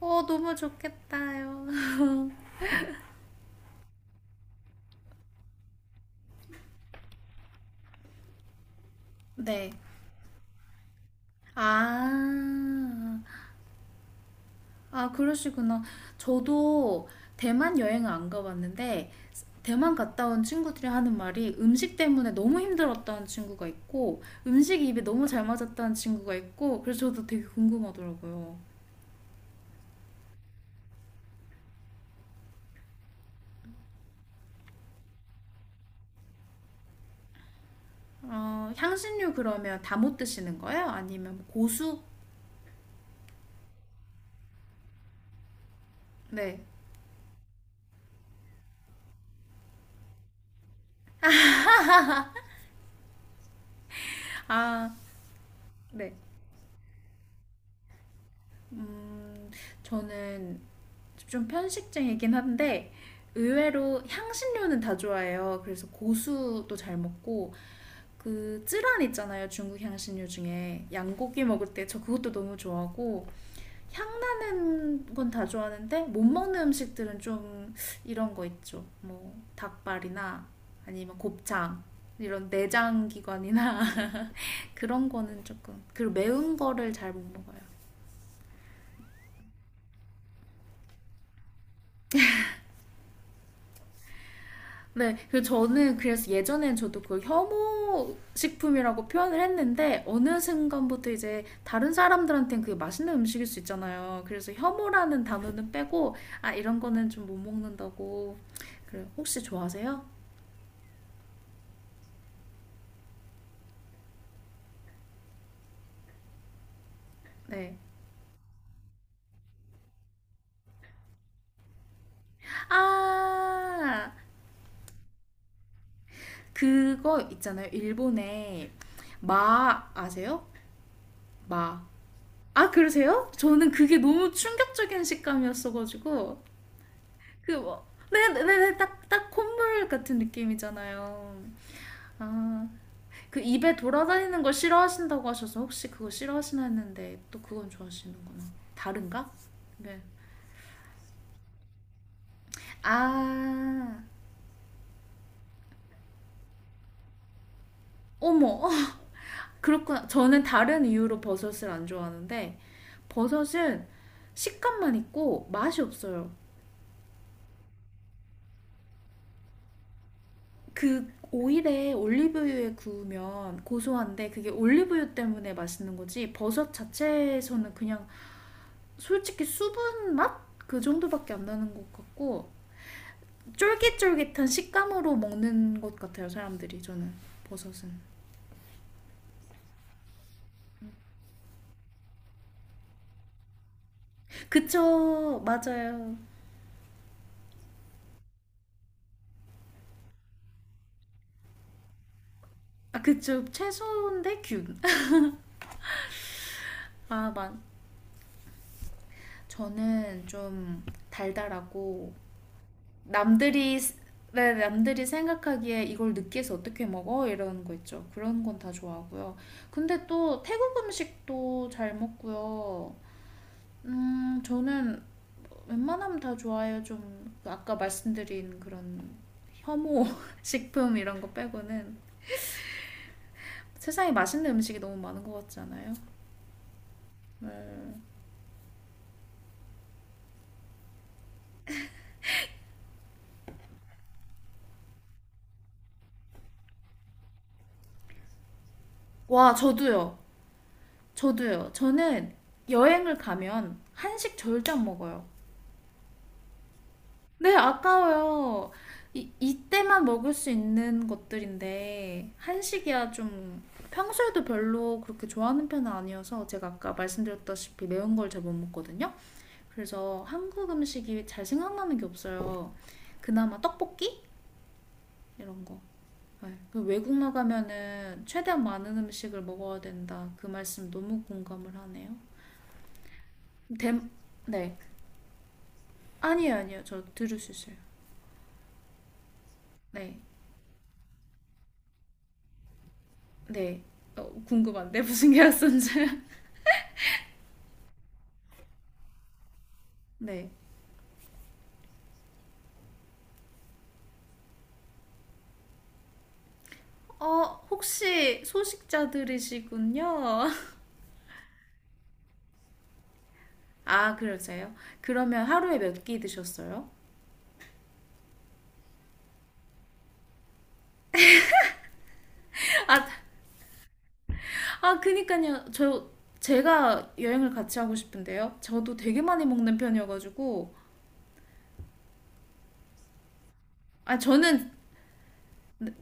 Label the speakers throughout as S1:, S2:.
S1: 어, 너무 좋겠다요. 네. 아, 아, 그러시구나. 저도 대만 여행을 안 가봤는데, 대만 갔다 온 친구들이 하는 말이 음식 때문에 너무 힘들었다는 친구가 있고, 음식이 입에 너무 잘 맞았다는 친구가 있고, 그래서 저도 되게 궁금하더라고요. 어, 향신료 그러면 다 못 드시는 거예요? 아니면 고수? 네. 아, 네. 음, 저는 좀 편식쟁이긴 한데 의외로 향신료는 다 좋아해요. 그래서 고수도 잘 먹고 그 쯔란 있잖아요. 중국 향신료 중에 양고기 먹을 때 저 그것도 너무 좋아하고 향 나는 건 다 좋아하는데 못 먹는 음식들은 좀 이런 거 있죠. 뭐 닭발이나 아니면 곱창 이런 내장 기관이나 그런 거는 조금, 그리고 매운 거를 잘 못 먹어요. 네, 그 저는 그래서 예전엔 저도 그 혐오 식품이라고 표현을 했는데 어느 순간부터 이제 다른 사람들한테는 그게 맛있는 음식일 수 있잖아요. 그래서 혐오라는 단어는 빼고 아 이런 거는 좀 못 먹는다고. 그래 혹시 좋아하세요? 네. 아 그거 있잖아요. 일본에 마 아세요? 마. 아 그러세요? 저는 그게 너무 충격적인 식감이었어가지고 그 뭐, 네네네, 딱, 딱 콧물 같은 느낌이잖아요. 아, 그 입에 돌아다니는 거 싫어하신다고 하셔서 혹시 그거 싫어하시나 했는데 또 그건 좋아하시는구나. 다른가? 네. 아, 어머, 그렇구나. 저는 다른 이유로 버섯을 안 좋아하는데 버섯은 식감만 있고 맛이 없어요. 그 오일에 올리브유에 구우면 고소한데 그게 올리브유 때문에 맛있는 거지 버섯 자체에서는 그냥 솔직히 수분 맛? 그 정도밖에 안 나는 것 같고 쫄깃쫄깃한 식감으로 먹는 것 같아요 사람들이. 저는 버섯은 그쵸 맞아요 아 그쵸 채소인데 균아만 저는 좀 달달하고 남들이 네, 남들이 생각하기에 이걸 느끼해서 어떻게 먹어? 이런 거 있죠. 그런 건 다 좋아하고요. 근데 또 태국 음식도 잘 먹고요. 저는 웬만하면 다 좋아요. 좀 아까 말씀드린 그런 혐오 식품 이런 거 빼고는 세상에 맛있는 음식이 너무 많은 것 같지 않아요? 와, 저도요. 저도요. 저는 여행을 가면 한식 절대 안 먹어요. 네, 아까워요. 이, 이때만 먹을 수 있는 것들인데 한식이야 좀 평소에도 별로 그렇게 좋아하는 편은 아니어서 제가 아까 말씀드렸다시피 매운 걸 잘 못 먹거든요. 그래서 한국 음식이 잘 생각나는 게 없어요. 그나마 떡볶이 이런 거. 네. 그 외국 나가면은 최대한 많은 음식을 먹어야 된다. 그 말씀 너무 공감을 하네요. 대, 네. 아니에요, 아니에요. 저 들을 수 있어요. 네, 네. 어, 궁금한데 무슨 계약서인지. 네. 어, 혹시 소식자들이시군요. 아, 그러세요? 그러면 하루에 몇 끼 드셨어요? 아, 아, 그니까요. 저, 제가 여행을 같이 하고 싶은데요. 저도 되게 많이 먹는 편이어가지고. 아, 저는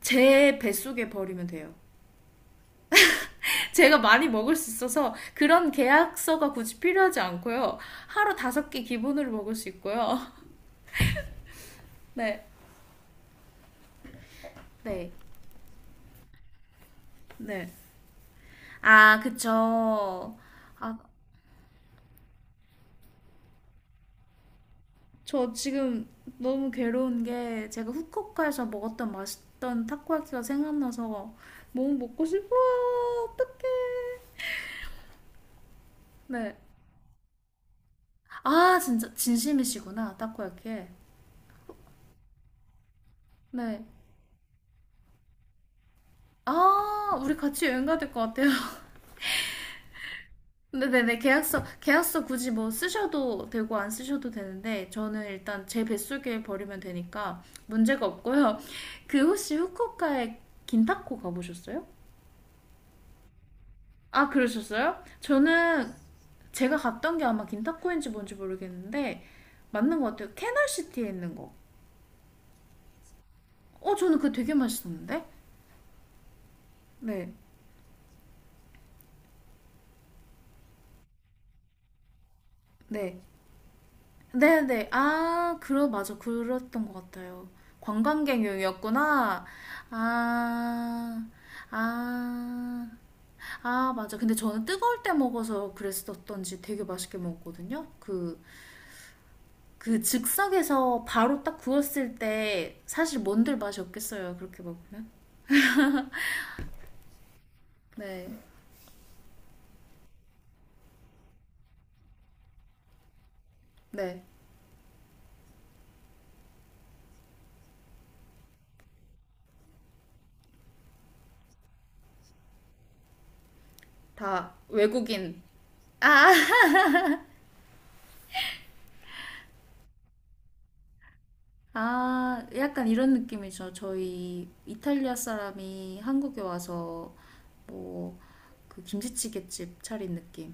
S1: 제 뱃속에 버리면 돼요. 제가 많이 먹을 수 있어서 그런 계약서가 굳이 필요하지 않고요. 하루 다섯 개 기본으로 먹을 수 있고요. 네, 네, 네. 아, 그쵸. 아, 저 지금 너무 괴로운 게 제가 후쿠오카에서 먹었던 맛있던 타코야키가 생각나서 너무 먹고 싶어요. 어떡해. 네. 아, 진짜 진심이시구나. 타코야끼. 네. 아, 우리 같이 여행 가야 될 것 같아요. 네네네. 계약서, 계약서 굳이 뭐 쓰셔도 되고 안 쓰셔도 되는데, 저는 일단 제 뱃속에 버리면 되니까 문제가 없고요. 그 혹시 후쿠오카에 긴타코 가보셨어요? 아, 그러셨어요? 저는 제가 갔던 게 아마 긴타코인지 뭔지 모르겠는데, 맞는 것 같아요. 캐널시티에 있는 거. 어, 저는 그거 되게 맛있었는데? 네. 네. 네네. 아, 그러, 맞아. 그랬던 것 같아요. 관광객용이었구나. 아, 아, 아, 맞아. 근데 저는 뜨거울 때 먹어서 그랬었던지 되게 맛있게 먹었거든요. 그, 그 즉석에서 바로 딱 구웠을 때 사실 뭔들 맛이 없겠어요. 그렇게 먹으면. 네. 네. 다 외국인. 아! 아, 아, 약간 이런 느낌이죠. 저희 이탈리아 사람이 한국에 와서 뭐 그 김치찌개집 차린 느낌.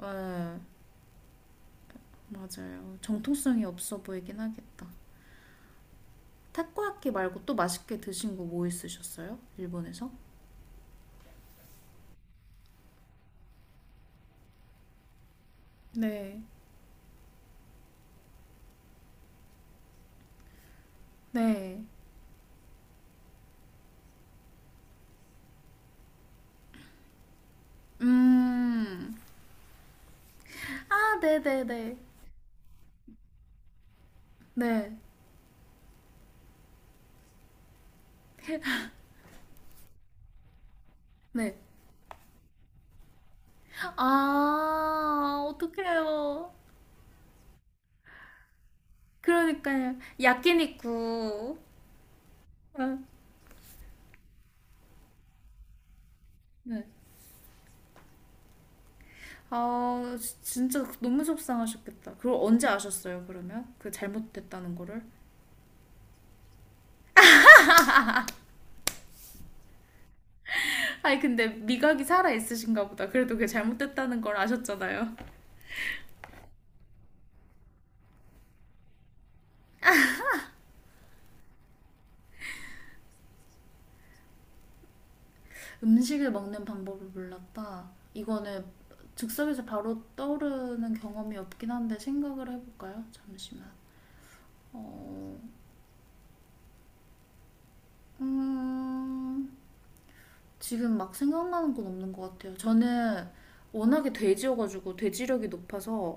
S1: 네, 맞아요. 정통성이 없어 보이긴 하겠다. 타코야키 말고 또 맛있게 드신 거 뭐 있으셨어요? 일본에서? 네. 네. 음. 아, 네네네. 네. 네. 네. 네. 아, 어떡해요. 그러니까요. 야끼니쿠. 아, 네. 아, 진짜 너무 속상하셨겠다. 그걸 언제 아셨어요, 그러면? 그 잘못됐다는 거를? 아니, 근데 미각이 살아 있으신가 보다. 그래도 그게 잘못됐다는 걸 아셨잖아요. 음식을 먹는 방법을 몰랐다. 이거는 즉석에서 바로 떠오르는 경험이 없긴 한데 생각을 해볼까요? 잠시만. 어, 음, 지금 막 생각나는 건 없는 것 같아요. 저는 워낙에 돼지여가지고 돼지력이 높아서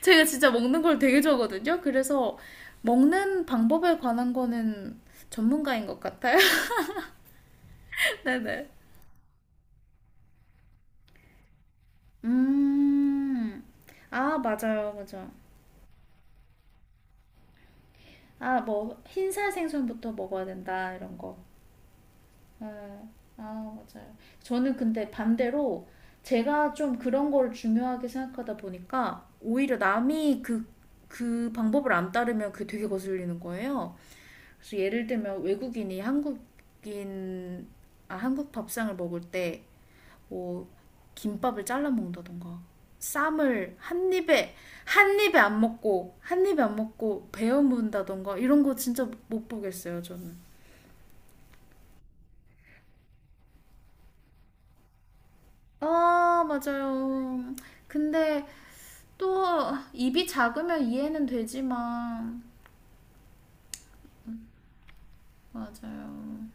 S1: 제가 진짜 먹는 걸 되게 좋아하거든요. 그래서 먹는 방법에 관한 거는 전문가인 것 같아요. 네네. 음. 아, 맞아요. 맞아. 아, 뭐, 흰살 생선부터 먹어야 된다, 이런 거. 네. 아, 맞아요. 저는 근데 반대로 제가 좀 그런 걸 중요하게 생각하다 보니까 오히려 남이 그, 그 방법을 안 따르면 그게 되게 거슬리는 거예요. 그래서 예를 들면 외국인이 한국인 아, 한국 밥상을 먹을 때 뭐 김밥을 잘라 먹는다던가 쌈을 한 입에 안 먹고 한 입에 안 먹고 베어 문다던가 이런 거 진짜 못 보겠어요, 저는. 아, 맞아요. 근데 또 입이 작으면 이해는 되지만 맞아요.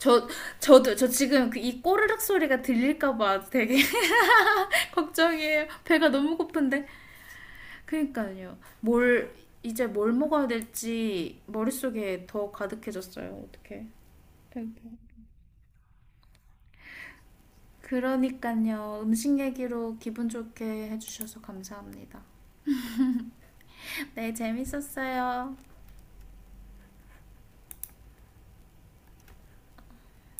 S1: 저 저도 저 지금 그 이 꼬르륵 소리가 들릴까 봐 되게 걱정이에요. 배가 너무 고픈데 그러니까요. 뭘 이제 뭘 먹어야 될지 머릿속에 더 가득해졌어요. 어떻게? 그러니까요. 음식 얘기로 기분 좋게 해주셔서 감사합니다. 네, 재밌었어요.